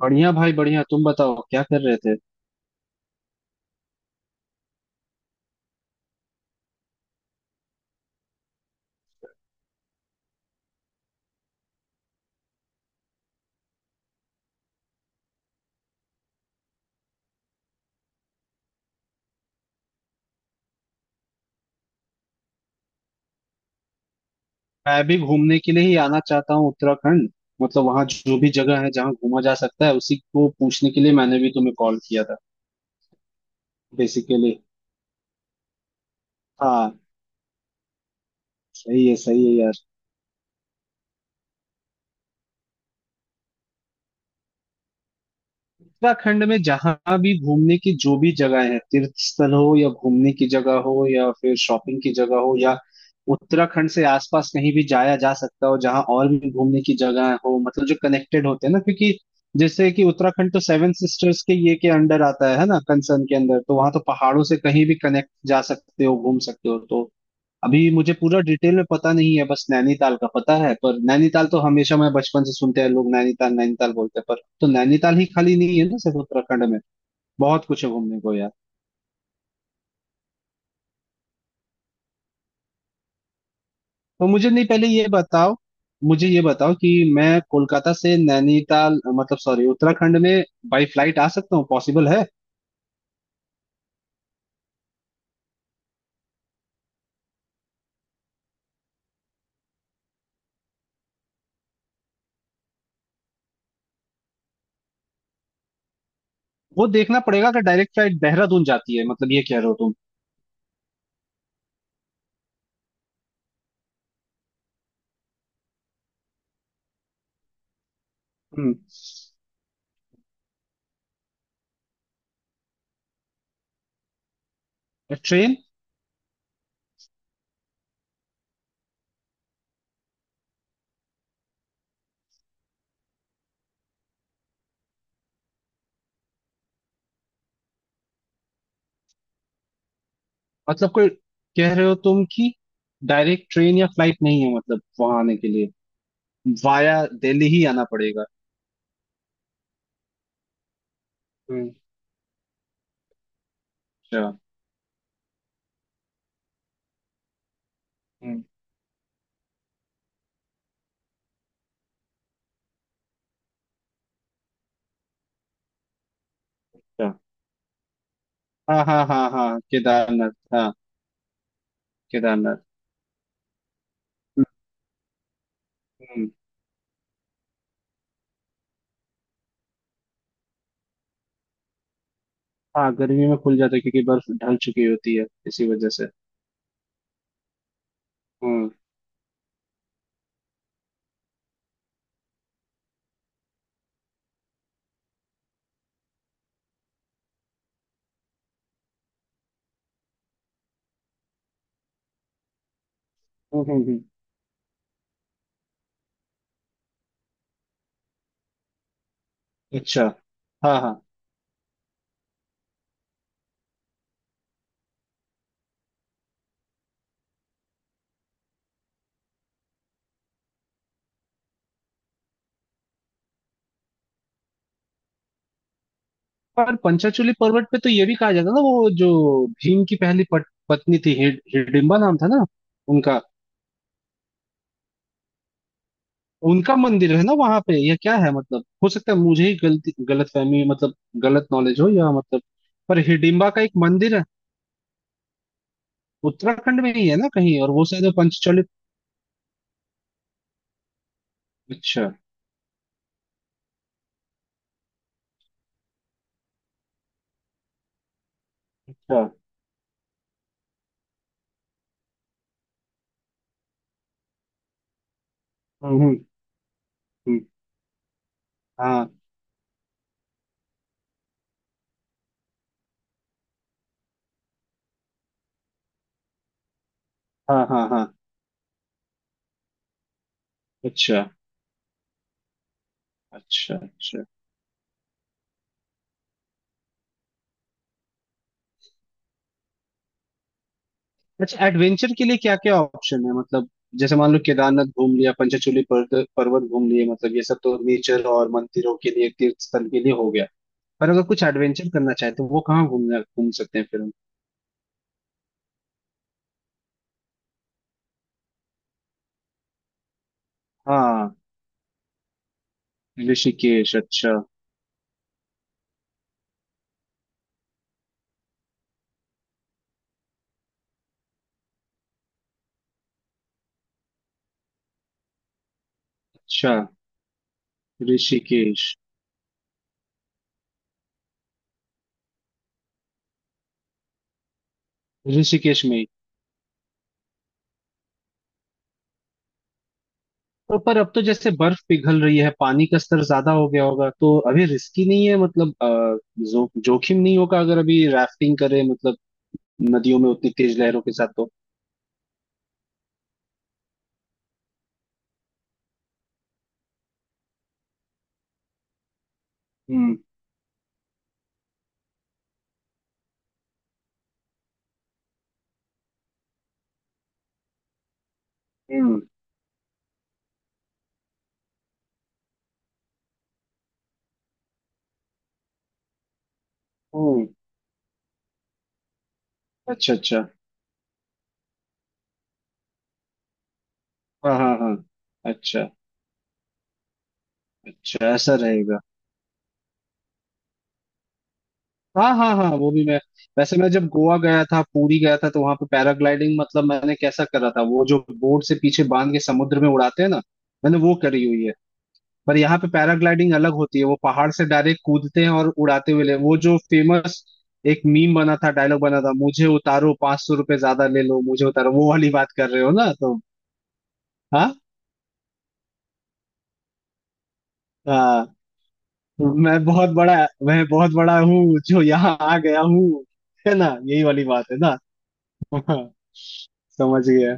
बढ़िया भाई बढ़िया। तुम बताओ क्या कर रहे थे। मैं भी घूमने के लिए ही आना चाहता हूँ उत्तराखंड। मतलब वहां जो भी जगह है जहाँ घूमा जा सकता है उसी को पूछने के लिए मैंने भी तुम्हें कॉल किया था। बेसिकली। हाँ। सही है यार। उत्तराखंड में जहां भी घूमने की जो भी जगह है, तीर्थ स्थल हो या घूमने की जगह हो या फिर शॉपिंग की जगह हो, या उत्तराखंड से आसपास कहीं भी जाया जा सकता हो जहां और भी घूमने की जगह हो, मतलब जो कनेक्टेड होते हैं ना, क्योंकि जैसे कि उत्तराखंड तो सेवन सिस्टर्स के ये के अंडर आता है ना, कंसर्न के अंदर, तो वहां तो पहाड़ों से कहीं भी कनेक्ट जा सकते हो, घूम सकते हो तो। अभी मुझे पूरा डिटेल में पता नहीं है, बस नैनीताल का पता है। पर नैनीताल तो हमेशा, मैं बचपन से सुनते हैं लोग नैनीताल नैनीताल बोलते हैं, पर तो नैनीताल ही खाली नहीं है ना सिर्फ उत्तराखंड में। बहुत कुछ है घूमने को यार। तो मुझे, नहीं, पहले ये बताओ। मुझे ये बताओ कि मैं कोलकाता से नैनीताल, मतलब सॉरी, उत्तराखंड में बाई फ्लाइट आ सकता हूँ? पॉसिबल है? वो देखना पड़ेगा कि डायरेक्ट फ्लाइट देहरादून जाती है, मतलब ये कह रहे हो तुम? हम्म। ट्रेन। मतलब कोई कह रहे हो तुम कि डायरेक्ट ट्रेन या फ्लाइट नहीं है मतलब वहां आने के लिए? वाया दिल्ली ही आना पड़ेगा? हम्म। अच्छा। हम्म। अच्छा। हाँ हाँ हाँ हाँ, केदारनाथ हाँ। केदारनाथ। हम्म। हम्म, हाँ, गर्मी में खुल जाता है क्योंकि बर्फ ढल चुकी होती है इसी वजह से। हम्म हम्म, हम्म। हम्म। अच्छा। हाँ हाँ। पर पंचाचूली पर्वत पे तो ये भी कहा जाता है ना, वो जो भीम की पहली पत्नी थी, हिडिंबा नाम था ना उनका। उनका मंदिर है ना वहां पे, या क्या है? मतलब हो सकता है मुझे ही गलत फहमी, मतलब गलत नॉलेज हो, या मतलब पर हिडिंबा का एक मंदिर है उत्तराखंड में ही है ना कहीं, और वो शायद वो पंचचलित। अच्छा अच्छा। हम्म, हम्म, हाँ हाँ हाँ हाँ। अच्छा अच्छा अच्छा। अच्छा, एडवेंचर के लिए क्या क्या ऑप्शन है मतलब? जैसे मान लो केदारनाथ घूम लिया, पंचचूली पर्वत पर्वत घूम लिए, मतलब ये सब तो नेचर और मंदिरों के लिए, तीर्थ स्थल के लिए हो गया। पर अगर कुछ एडवेंचर करना चाहे तो वो कहाँ घूम सकते हैं फिर हम? हाँ। ऋषिकेश, अच्छा अच्छा। ऋषिकेश। ऋषिकेश में? तो पर अब तो जैसे बर्फ पिघल रही है, पानी का स्तर ज्यादा हो गया होगा, तो अभी रिस्की नहीं है मतलब, जोखिम नहीं होगा अगर अभी राफ्टिंग करें, मतलब नदियों में उतनी तेज लहरों के साथ तो? हम्म हम्म। हम्म। अच्छा अच्छा। हाँ हाँ हाँ। अच्छा। अच्छा, ऐसा रहेगा। हाँ हाँ हाँ, वो भी मैं, वैसे मैं जब गोवा गया था, पुरी गया था, तो वहां पे पैराग्लाइडिंग, मतलब मैंने कैसा करा था, वो जो बोर्ड से पीछे बांध के समुद्र में उड़ाते हैं ना, मैंने वो करी हुई है। पर यहाँ पे पैराग्लाइडिंग अलग होती है, वो पहाड़ से डायरेक्ट कूदते हैं और उड़ाते हुए ले, वो जो फेमस एक मीम बना था, डायलॉग बना था, मुझे उतारो, 500 रुपए ज्यादा ले लो मुझे उतारो, वो वाली बात कर रहे हो ना तुम? हाँ। हाँ, मैं बहुत बड़ा मैं बहुत बड़ा हूँ जो यहाँ आ गया हूँ, है ना यही वाली बात है ना? हाँ। समझ गया।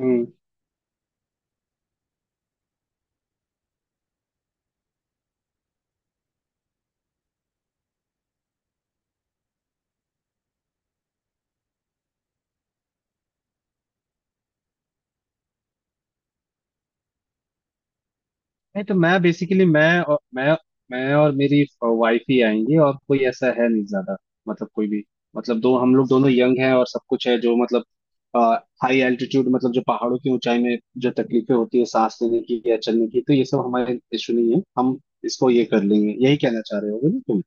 हम्म। नहीं तो मैं बेसिकली, मैं और मेरी वाइफ ही आएंगी, और कोई ऐसा है नहीं ज्यादा, मतलब कोई भी, मतलब दो। हम लोग दोनों यंग हैं और सब कुछ है जो, मतलब हाई एल्टीट्यूड मतलब जो पहाड़ों की ऊंचाई में जो तकलीफें होती है सांस लेने की या चलने की, तो ये सब हमारे इशू नहीं है, हम इसको ये कर लेंगे, यही कहना चाह रहे होगे ना तुम?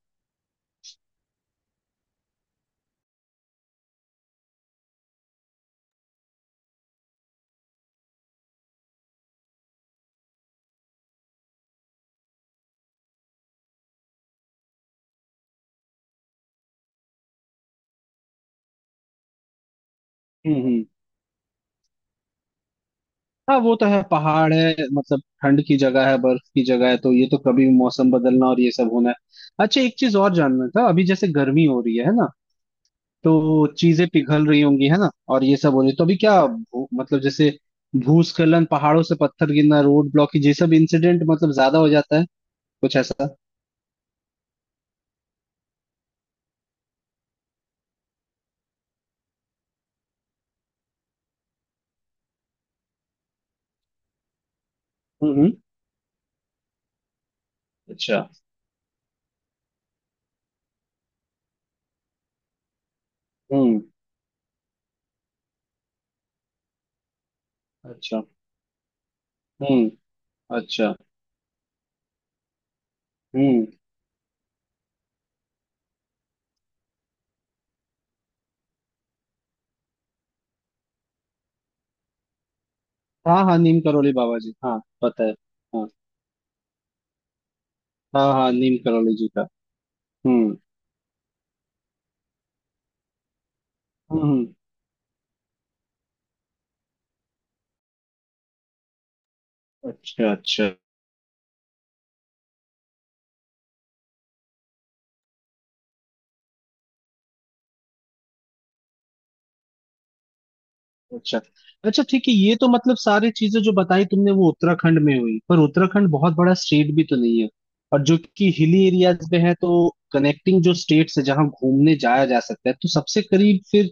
हम्म हम्म। हाँ वो तो है, पहाड़ है मतलब, ठंड की जगह है, बर्फ की जगह है, तो ये तो कभी भी मौसम बदलना और ये सब होना है। अच्छा, एक चीज और जानना था, अभी जैसे गर्मी हो रही है ना, तो चीजें पिघल रही होंगी है ना, और ये सब हो रही, तो अभी क्या मतलब जैसे भूस्खलन, पहाड़ों से पत्थर गिरना, रोड ब्लॉक, ये सब इंसिडेंट मतलब ज्यादा हो जाता है, कुछ ऐसा? हम्म। अच्छा। हम्म। अच्छा। हम्म। अच्छा। हम्म। हाँ हाँ, नीम करोली बाबा जी, हाँ पता है। हाँ हाँ हाँ, नीम करोली जी का। हम्म हम्म। अच्छा अच्छा अच्छा। अच्छा ठीक है, ये तो मतलब सारी चीजें जो बताई तुमने वो उत्तराखंड में हुई, पर उत्तराखंड बहुत बड़ा स्टेट भी तो नहीं है, और जो कि हिली एरियाज में है, तो कनेक्टिंग जो स्टेट्स है जहाँ घूमने जाया जा सकता है, तो सबसे करीब फिर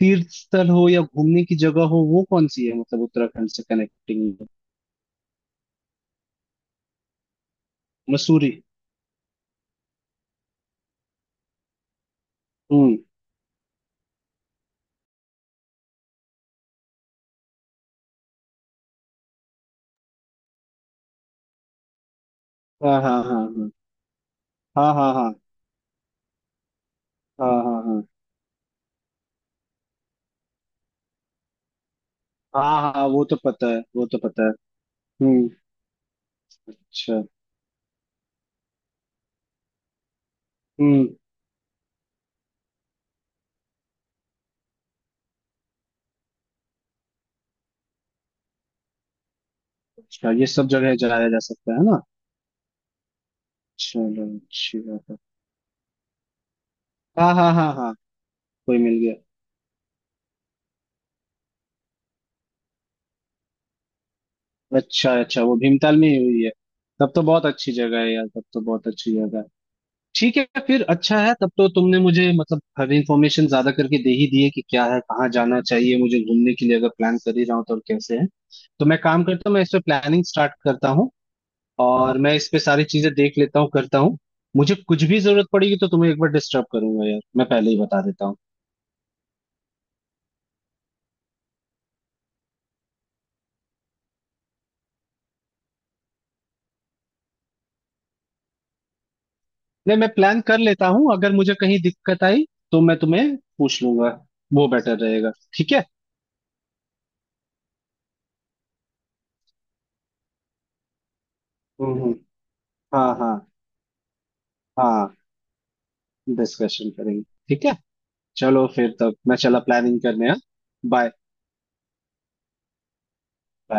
तीर्थ स्थल हो या घूमने की जगह हो वो कौन सी है, मतलब उत्तराखंड से कनेक्टिंग में? मसूरी। हम्म। हाँ हाँ हाँ हाँ हाँ हाँ हाँ हाँ हाँ हाँ। हाँ हाँ, वो तो पता है, वो तो पता है। हम्म। अच्छा। हम्म। अच्छा, ये सब जगह जाया जा सकता है ना? चलो अच्छी बात है। हाँ हाँ हाँ हाँ। कोई मिल गया। अच्छा अच्छा, वो भीमताल में ही हुई है। तब तो बहुत अच्छी जगह है यार, तब तो बहुत अच्छी जगह है। ठीक है फिर, अच्छा है, तब तो तुमने मुझे मतलब हर इंफॉर्मेशन ज्यादा करके दे ही दी है कि क्या है, कहाँ जाना चाहिए मुझे घूमने के लिए अगर प्लान कर ही रहा हूँ तो, और कैसे है। तो मैं काम करता हूँ, मैं इस पे प्लानिंग स्टार्ट करता हूँ, और मैं इस पे सारी चीजें देख लेता हूँ करता हूँ। मुझे कुछ भी जरूरत पड़ेगी तो तुम्हें एक बार डिस्टर्ब करूंगा यार, मैं पहले ही बता देता हूँ। नहीं मैं प्लान कर लेता हूँ, अगर मुझे कहीं दिक्कत आई तो मैं तुम्हें पूछ लूंगा, वो बेटर रहेगा। ठीक है। हम्म हम्म, हाँ हाँ हाँ। डिस्कशन करेंगे। ठीक है। चलो फिर, तब मैं चला प्लानिंग करने। हाँ। बाय।